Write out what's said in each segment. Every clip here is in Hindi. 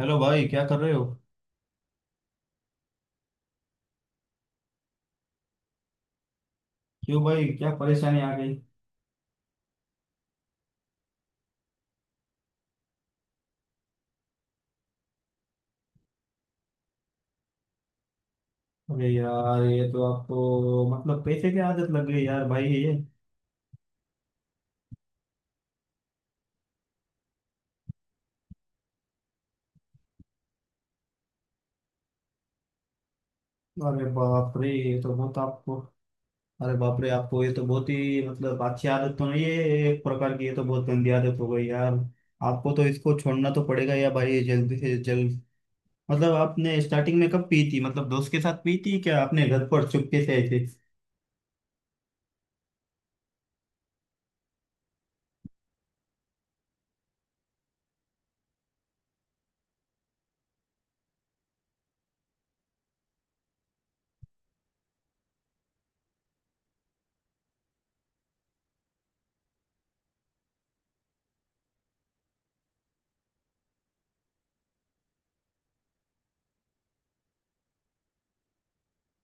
हेलो भाई, क्या कर रहे हो? क्यों भाई, क्या परेशानी आ गई? अरे यार, ये तो आपको। मतलब पैसे की आदत लग गई यार भाई, ये। अरे बाप रे, ये तो बहुत आपको। अरे बाप रे, आपको ये तो बहुत ही। मतलब अच्छी आदत तो नहीं है ये, एक प्रकार की, ये तो बहुत गंदी आदत हो गई यार। आपको तो इसको छोड़ना तो पड़ेगा या भाई, जल्दी से जल्द। मतलब आपने स्टार्टिंग में कब पी थी? मतलब दोस्त के साथ पी थी क्या? आपने घर पर चुपके से ऐसे?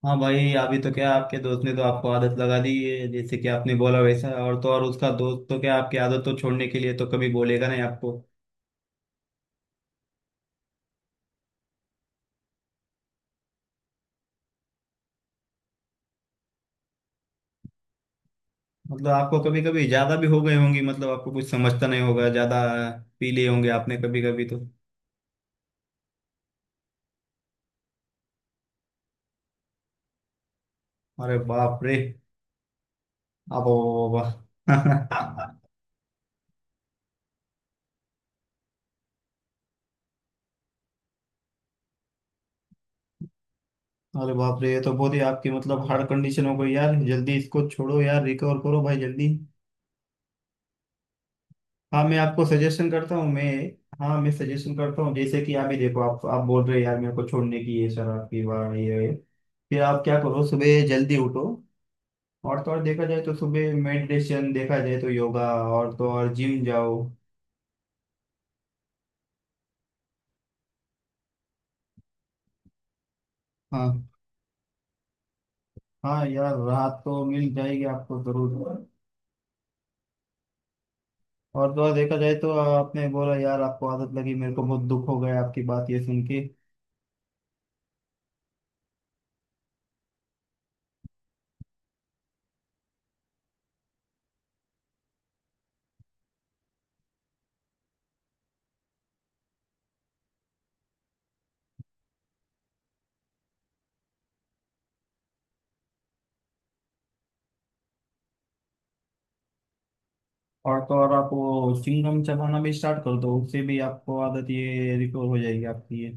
हाँ भाई, अभी तो क्या आपके दोस्त ने तो आपको आदत लगा दी है जैसे कि आपने बोला वैसा। और तो और उसका दोस्त तो क्या आपकी आदत तो छोड़ने के लिए तो कभी बोलेगा नहीं आपको। मतलब आपको कभी कभी ज्यादा भी हो गए होंगी, मतलब आपको कुछ समझता नहीं होगा, ज्यादा पी लिए होंगे आपने कभी कभी तो। अरे बाप रे, आप। अरे बाप रे, ये तो बहुत ही आपकी मतलब हार्ड कंडीशन हो गई यार। जल्दी इसको छोड़ो यार, रिकवर करो भाई जल्दी। हाँ, मैं आपको सजेशन करता हूँ मैं। हाँ, मैं सजेशन करता हूँ, जैसे कि आप ही देखो, आप बोल रहे हैं यार, मेरे को छोड़ने की ये शराब की, वाह ये है।" फिर आप क्या करो, सुबह जल्दी उठो। और तो और देखा जाए तो सुबह मेडिटेशन, देखा जाए तो योगा। और तो और जिम जाओ। हाँ। हाँ यार, रात तो मिल जाएगी आपको जरूर। और तो और देखा जाए तो, आपने बोला यार आपको आदत लगी, मेरे को बहुत दुख हो गया आपकी बात ये सुन के। और तो और आप वो चिंगम चबाना भी स्टार्ट कर दो, उससे भी आपको आदत ये रिकवर हो जाएगी आपकी ये।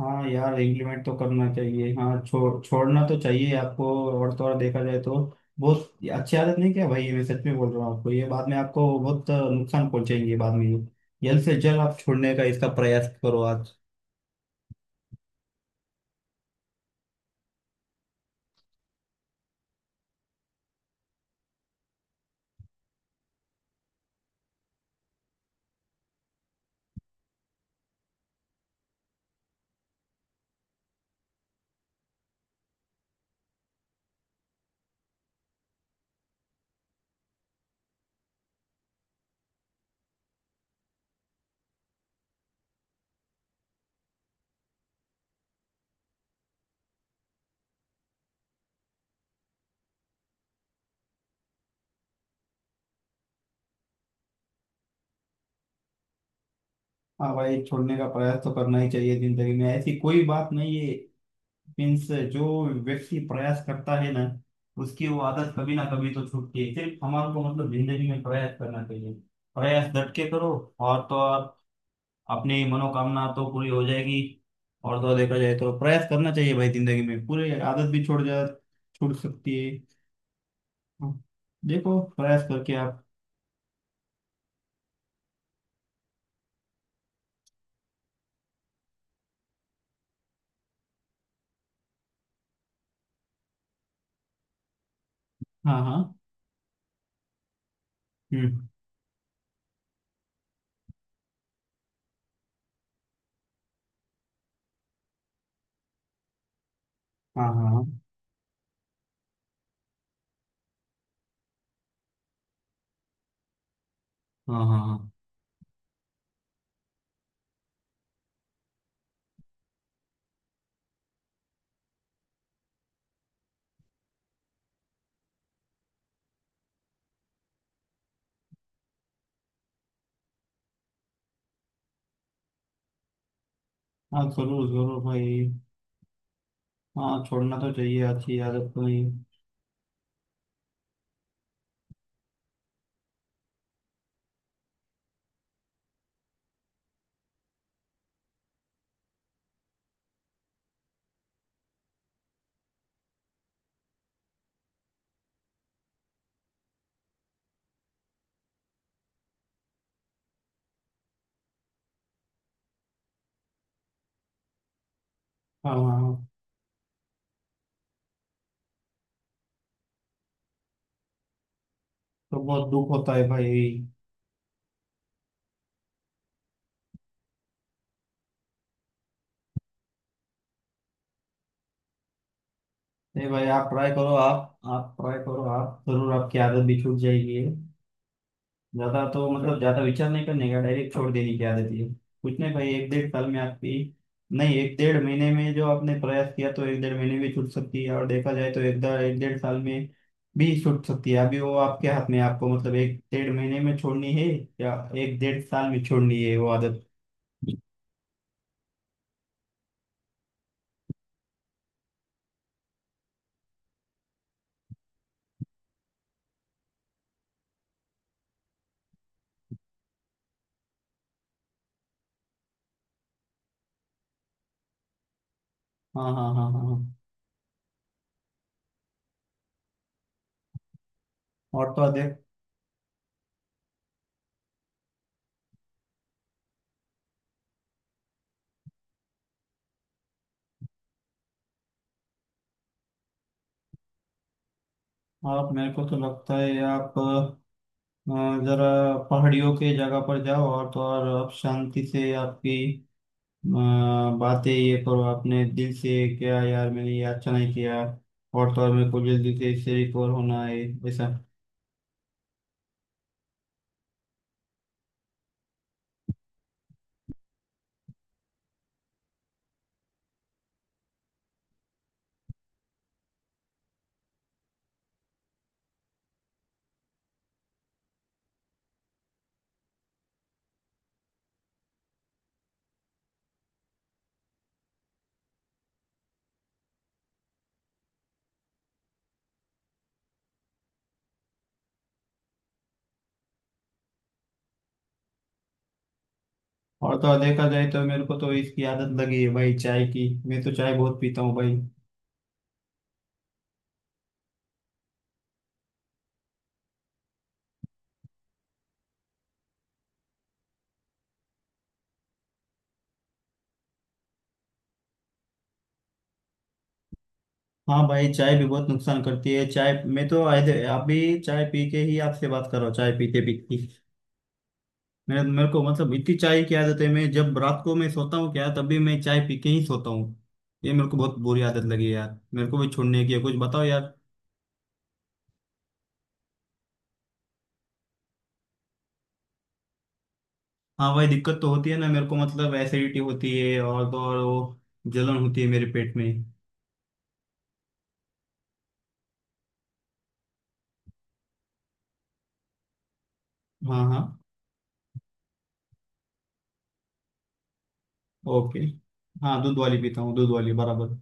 हाँ यार, इम्प्लीमेंट तो करना चाहिए, हाँ, छोड़ना तो चाहिए आपको। और तो और देखा जाए तो, बहुत अच्छी आदत नहीं क्या भाई ये? मैं सच में बोल रहा हूँ आपको, ये बाद में आपको बहुत नुकसान पहुंचेंगे बाद में। जल्द से जल्द आप छोड़ने का इसका प्रयास करो आज। हाँ भाई, छोड़ने का प्रयास तो करना ही चाहिए, जिंदगी में ऐसी कोई बात नहीं है। मीन्स, जो व्यक्ति प्रयास करता है ना, उसकी वो आदत कभी ना कभी तो छूटती है, सिर्फ हमारे को मतलब जिंदगी में प्रयास करना चाहिए। प्रयास डट के करो। और तो और, अपनी मनोकामना तो पूरी हो जाएगी। और तो देखा जाए तो प्रयास करना चाहिए भाई, जिंदगी में पूरी आदत भी छोड़ जा, छूट सकती है। हाँ, देखो प्रयास करके आप। हाँ, हाँ। हम्म। हाँ, हाँ, हाँ, हाँ, हाँ, हाँ। हाँ, जरूर जरूर भाई। हाँ, छोड़ना तो चाहिए, अच्छी आदत को नहीं। हाँ, हाँ, हाँ, तो बहुत दुख होता है भाई। नहीं भाई, आप ट्राई करो, आप ट्राई करो, आप जरूर, आपकी आदत भी छूट जाएगी। ज्यादा तो मतलब ज्यादा विचार नहीं करने का, डायरेक्ट छोड़ देने की आदत है। कुछ नहीं भाई, एक डेढ़ साल में आपकी। नहीं, एक डेढ़ महीने में, जो आपने प्रयास किया तो एक डेढ़ महीने में छूट सकती है, और देखा जाए तो एक डेढ़ साल में भी छूट सकती है। अभी वो आपके हाथ में है, आपको मतलब एक डेढ़ महीने में छोड़नी है या एक डेढ़ साल में छोड़नी है वो आदत। हाँ, हाँ, हाँ, हाँ, हाँ। और तो अधिक। आप, मेरे को तो लगता है आप, अ, जरा पहाड़ियों के जगह पर जाओ। और तो और आप शांति से आपकी, बातें ये करो आपने दिल से, क्या यार मैंने ये अच्छा नहीं किया, और तो और मेरे को जल्दी से इससे रिकवर होना है, ऐसा। और तो और देखा जाए तो मेरे को तो इसकी आदत लगी है भाई, चाय की, मैं तो चाय बहुत पीता हूँ भाई। हाँ भाई, चाय भी बहुत नुकसान करती है, चाय मैं तो अभी चाय पी के ही आपसे बात कर रहा हूँ, चाय पीते पीते। मेरे मेरे को मतलब इतनी चाय की आदत है, मैं जब रात को मैं सोता हूँ क्या, तभी मैं चाय पी के ही सोता हूँ। ये मेरे को बहुत बुरी आदत लगी है यार, मेरे को भी छोड़ने की है, कुछ बताओ यार। हाँ, वही दिक्कत तो होती है ना मेरे को, मतलब एसिडिटी होती है और तो और वो जलन होती है मेरे पेट में। हाँ, हाँ। ओके। हाँ, दूध वाली पीता हूँ, दूध वाली बराबर।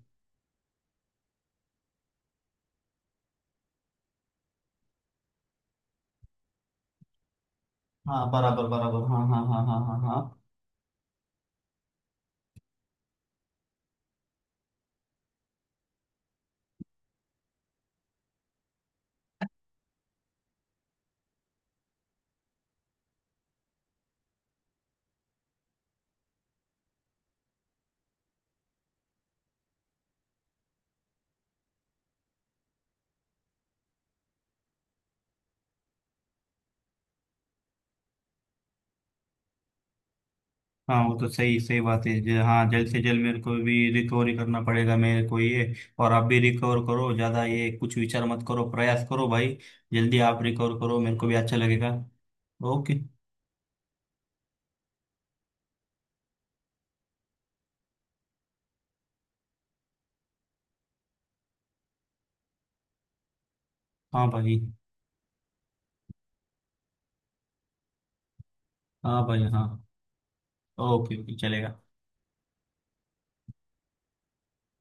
हाँ, बराबर बराबर, हाँ, हाँ, हाँ, हाँ, हाँ, हाँ। हाँ, वो तो सही सही बात है, हाँ, जल्द से जल्द मेरे को भी रिकवरी करना पड़ेगा मेरे को ये। और आप भी रिकवर करो, ज़्यादा ये कुछ विचार मत करो, प्रयास करो भाई। जल्दी आप रिकवर करो, मेरे को भी अच्छा लगेगा। ओके। हाँ भाई, हाँ भाई, हाँ। ओके, ओके, चलेगा।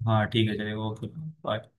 हाँ, ठीक है, चलेगा। Okay, bye.